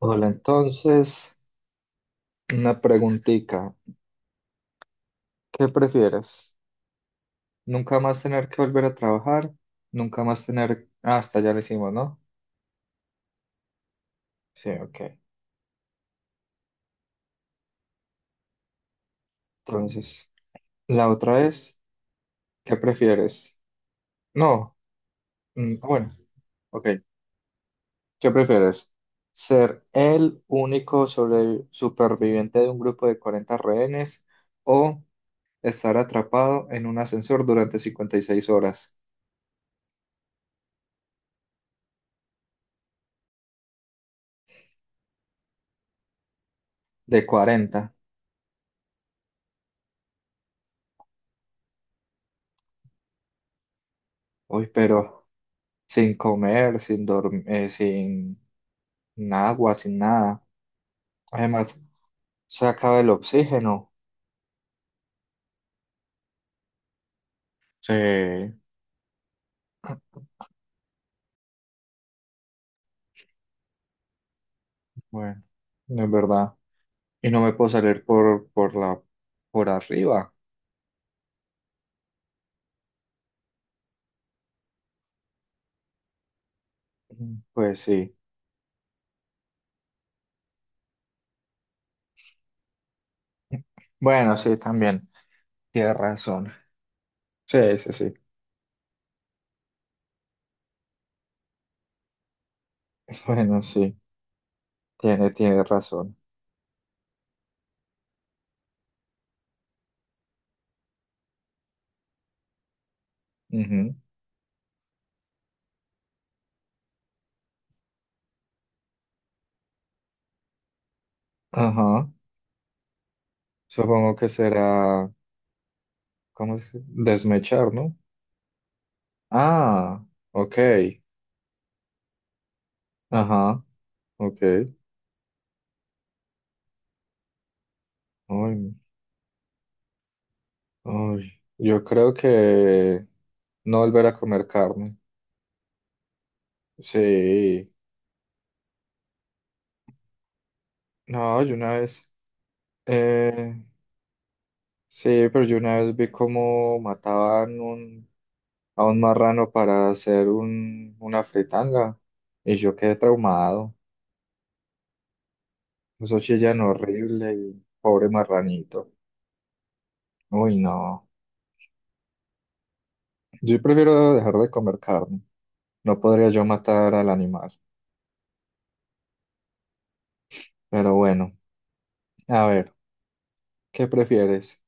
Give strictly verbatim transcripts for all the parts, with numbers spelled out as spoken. Hola, entonces, una preguntita. ¿Qué prefieres? ¿Nunca más tener que volver a trabajar? ¿Nunca más tener... Ah, hasta ya lo hicimos, ¿no? Sí, ok. Entonces, la otra es, ¿qué prefieres? No, mm, ah, bueno, ok. ¿Qué prefieres? ¿Ser el único sobre- superviviente de un grupo de cuarenta rehenes o estar atrapado en un ascensor durante cincuenta y seis horas de cuarenta? Uy, pero... sin comer, sin dormir, sin agua, sin nada. Además, se acaba el oxígeno. Sí, bueno, es verdad. Y no me puedo salir por, por la, por arriba. Pues sí. Bueno, sí, también. Tiene razón. Sí, sí, sí. Bueno, sí. Tiene, tiene razón. Ujú. Ajá. Supongo que será, ¿cómo es? Que? Desmechar, ¿no? Ah, ok. Ajá, ok. Ay, uy, yo creo que no volver a comer carne. Sí, no, yo una vez, eh, sí, pero yo una vez vi cómo mataban un, a un marrano para hacer un, una fritanga y yo quedé traumado. Eso chillan horrible y pobre marranito. Uy, no. Yo prefiero dejar de comer carne. No podría yo matar al animal. Pero bueno, a ver, ¿qué prefieres?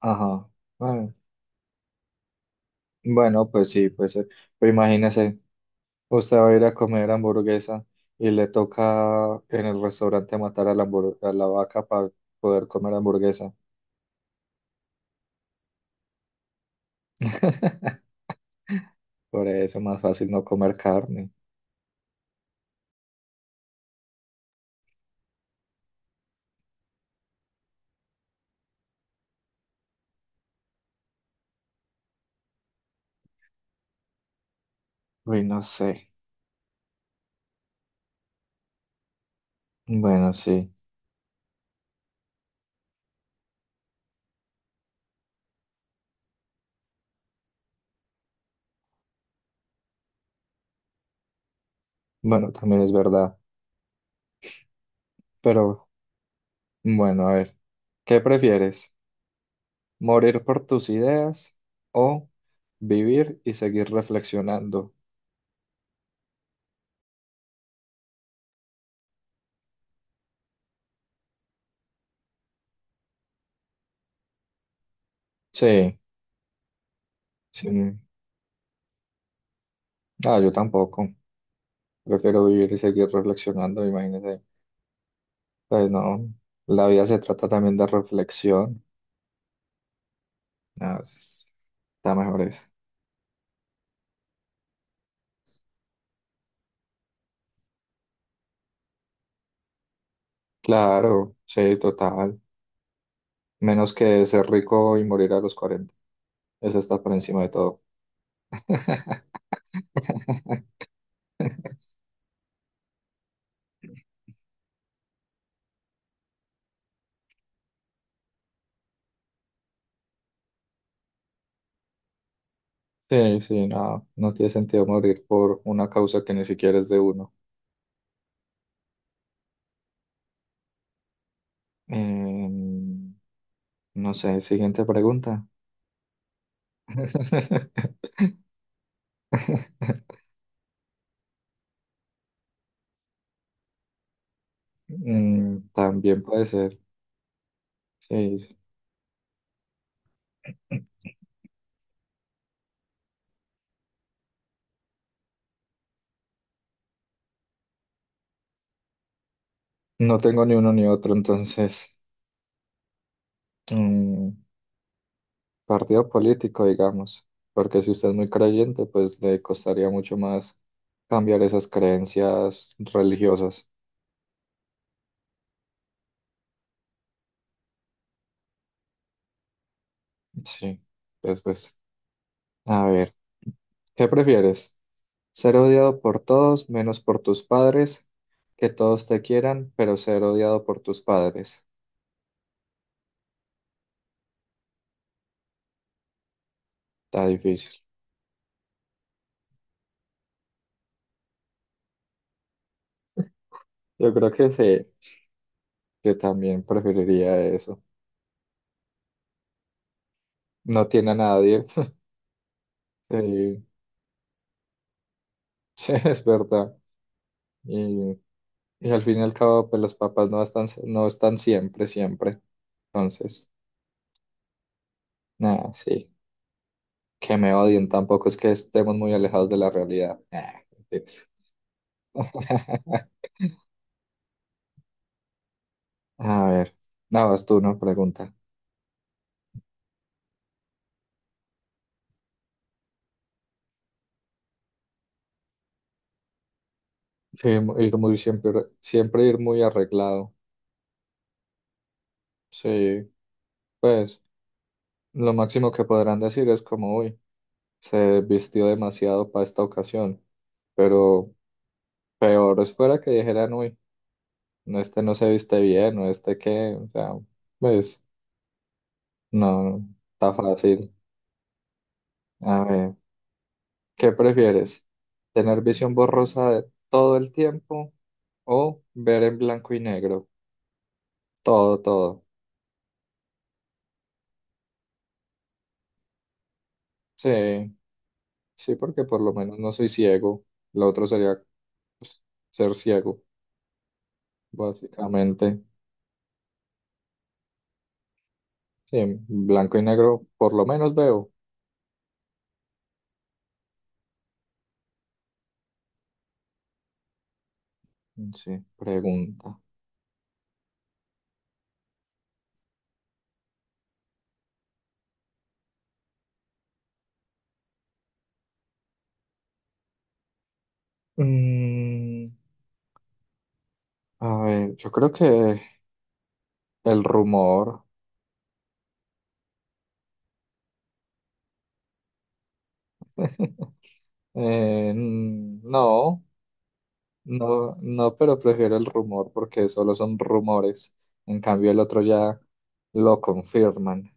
Ajá. Bueno. Bueno, pues sí, pues, pues imagínese, usted va a ir a comer hamburguesa y le toca en el restaurante matar a la, hambur- a la vaca para poder comer hamburguesa. Por eso es más fácil no comer carne. Uy, no sé. Bueno, sí. Bueno, también es verdad. Pero bueno, a ver, ¿qué prefieres? ¿Morir por tus ideas o vivir y seguir reflexionando? Sí, sí. Ah, yo tampoco. Prefiero vivir y seguir reflexionando, imagínese. Pues no, la vida se trata también de reflexión. No, es- Está mejor eso. Claro, sí, total. Menos que ser rico y morir a los cuarenta. Eso está por encima de todo. Sí, sí, no, no tiene sentido morir por una causa que ni siquiera es de uno. Em, no sé, siguiente pregunta. Mm, también puede ser. Sí, sí. No tengo ni uno ni otro, entonces, mm, partido político, digamos, porque si usted es muy creyente, pues le costaría mucho más cambiar esas creencias religiosas. Sí, después, a ver, ¿qué prefieres? ¿Ser odiado por todos menos por tus padres? Que todos te quieran, pero ser odiado por tus padres. Está difícil. Yo creo que sí, que también preferiría eso. No tiene a nadie. Sí, sí, es verdad. Y y al fin y al cabo, pues los papás no están, no están siempre, siempre. Entonces, nada, sí, que me odien, tampoco es que estemos muy alejados de la realidad. Nah, mentiras. A ver, nada, vas tú, ¿no? Pregunta. Sí, mu- ir muy siempre, siempre ir muy arreglado. Sí, pues lo máximo que podrán decir es como, uy, se vistió demasiado para esta ocasión, pero peor es fuera que dijeran, uy, no, este no se viste bien, o este qué, o sea, pues. No, está fácil. A ver, ¿qué prefieres? ¿Tener visión borrosa de todo el tiempo o ver en blanco y negro? Todo, todo. Sí, sí, porque por lo menos no soy ciego. Lo otro sería pues, ser ciego, básicamente. Sí, en blanco y negro por lo menos veo. Sí, pregunta. Mm, a ver, yo creo que el rumor. Eh, mm, no. No, no, pero prefiero el rumor porque solo son rumores. En cambio, el otro ya lo confirman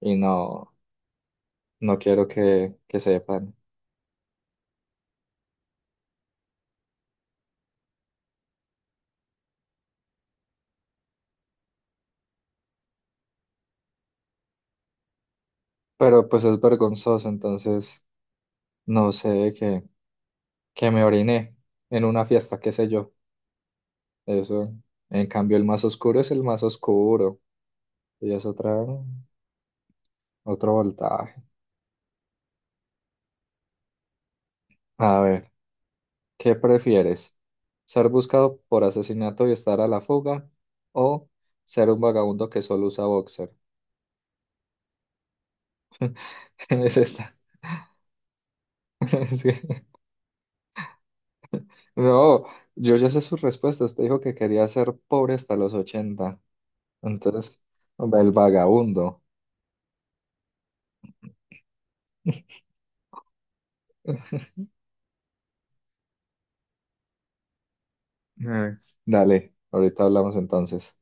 y no, no quiero que, que sepan. Pero pues es vergonzoso, entonces no sé que, que me oriné en una fiesta, qué sé yo. Eso. En cambio, el más oscuro es el más oscuro y es otra, otro voltaje. A ver. ¿Qué prefieres? ¿Ser buscado por asesinato y estar a la fuga? ¿O ser un vagabundo que solo usa boxer? Es esta. Es no, yo ya sé sus respuestas. Usted dijo que quería ser pobre hasta los ochenta. Entonces, hombre, el vagabundo. Ay, dale, ahorita hablamos entonces.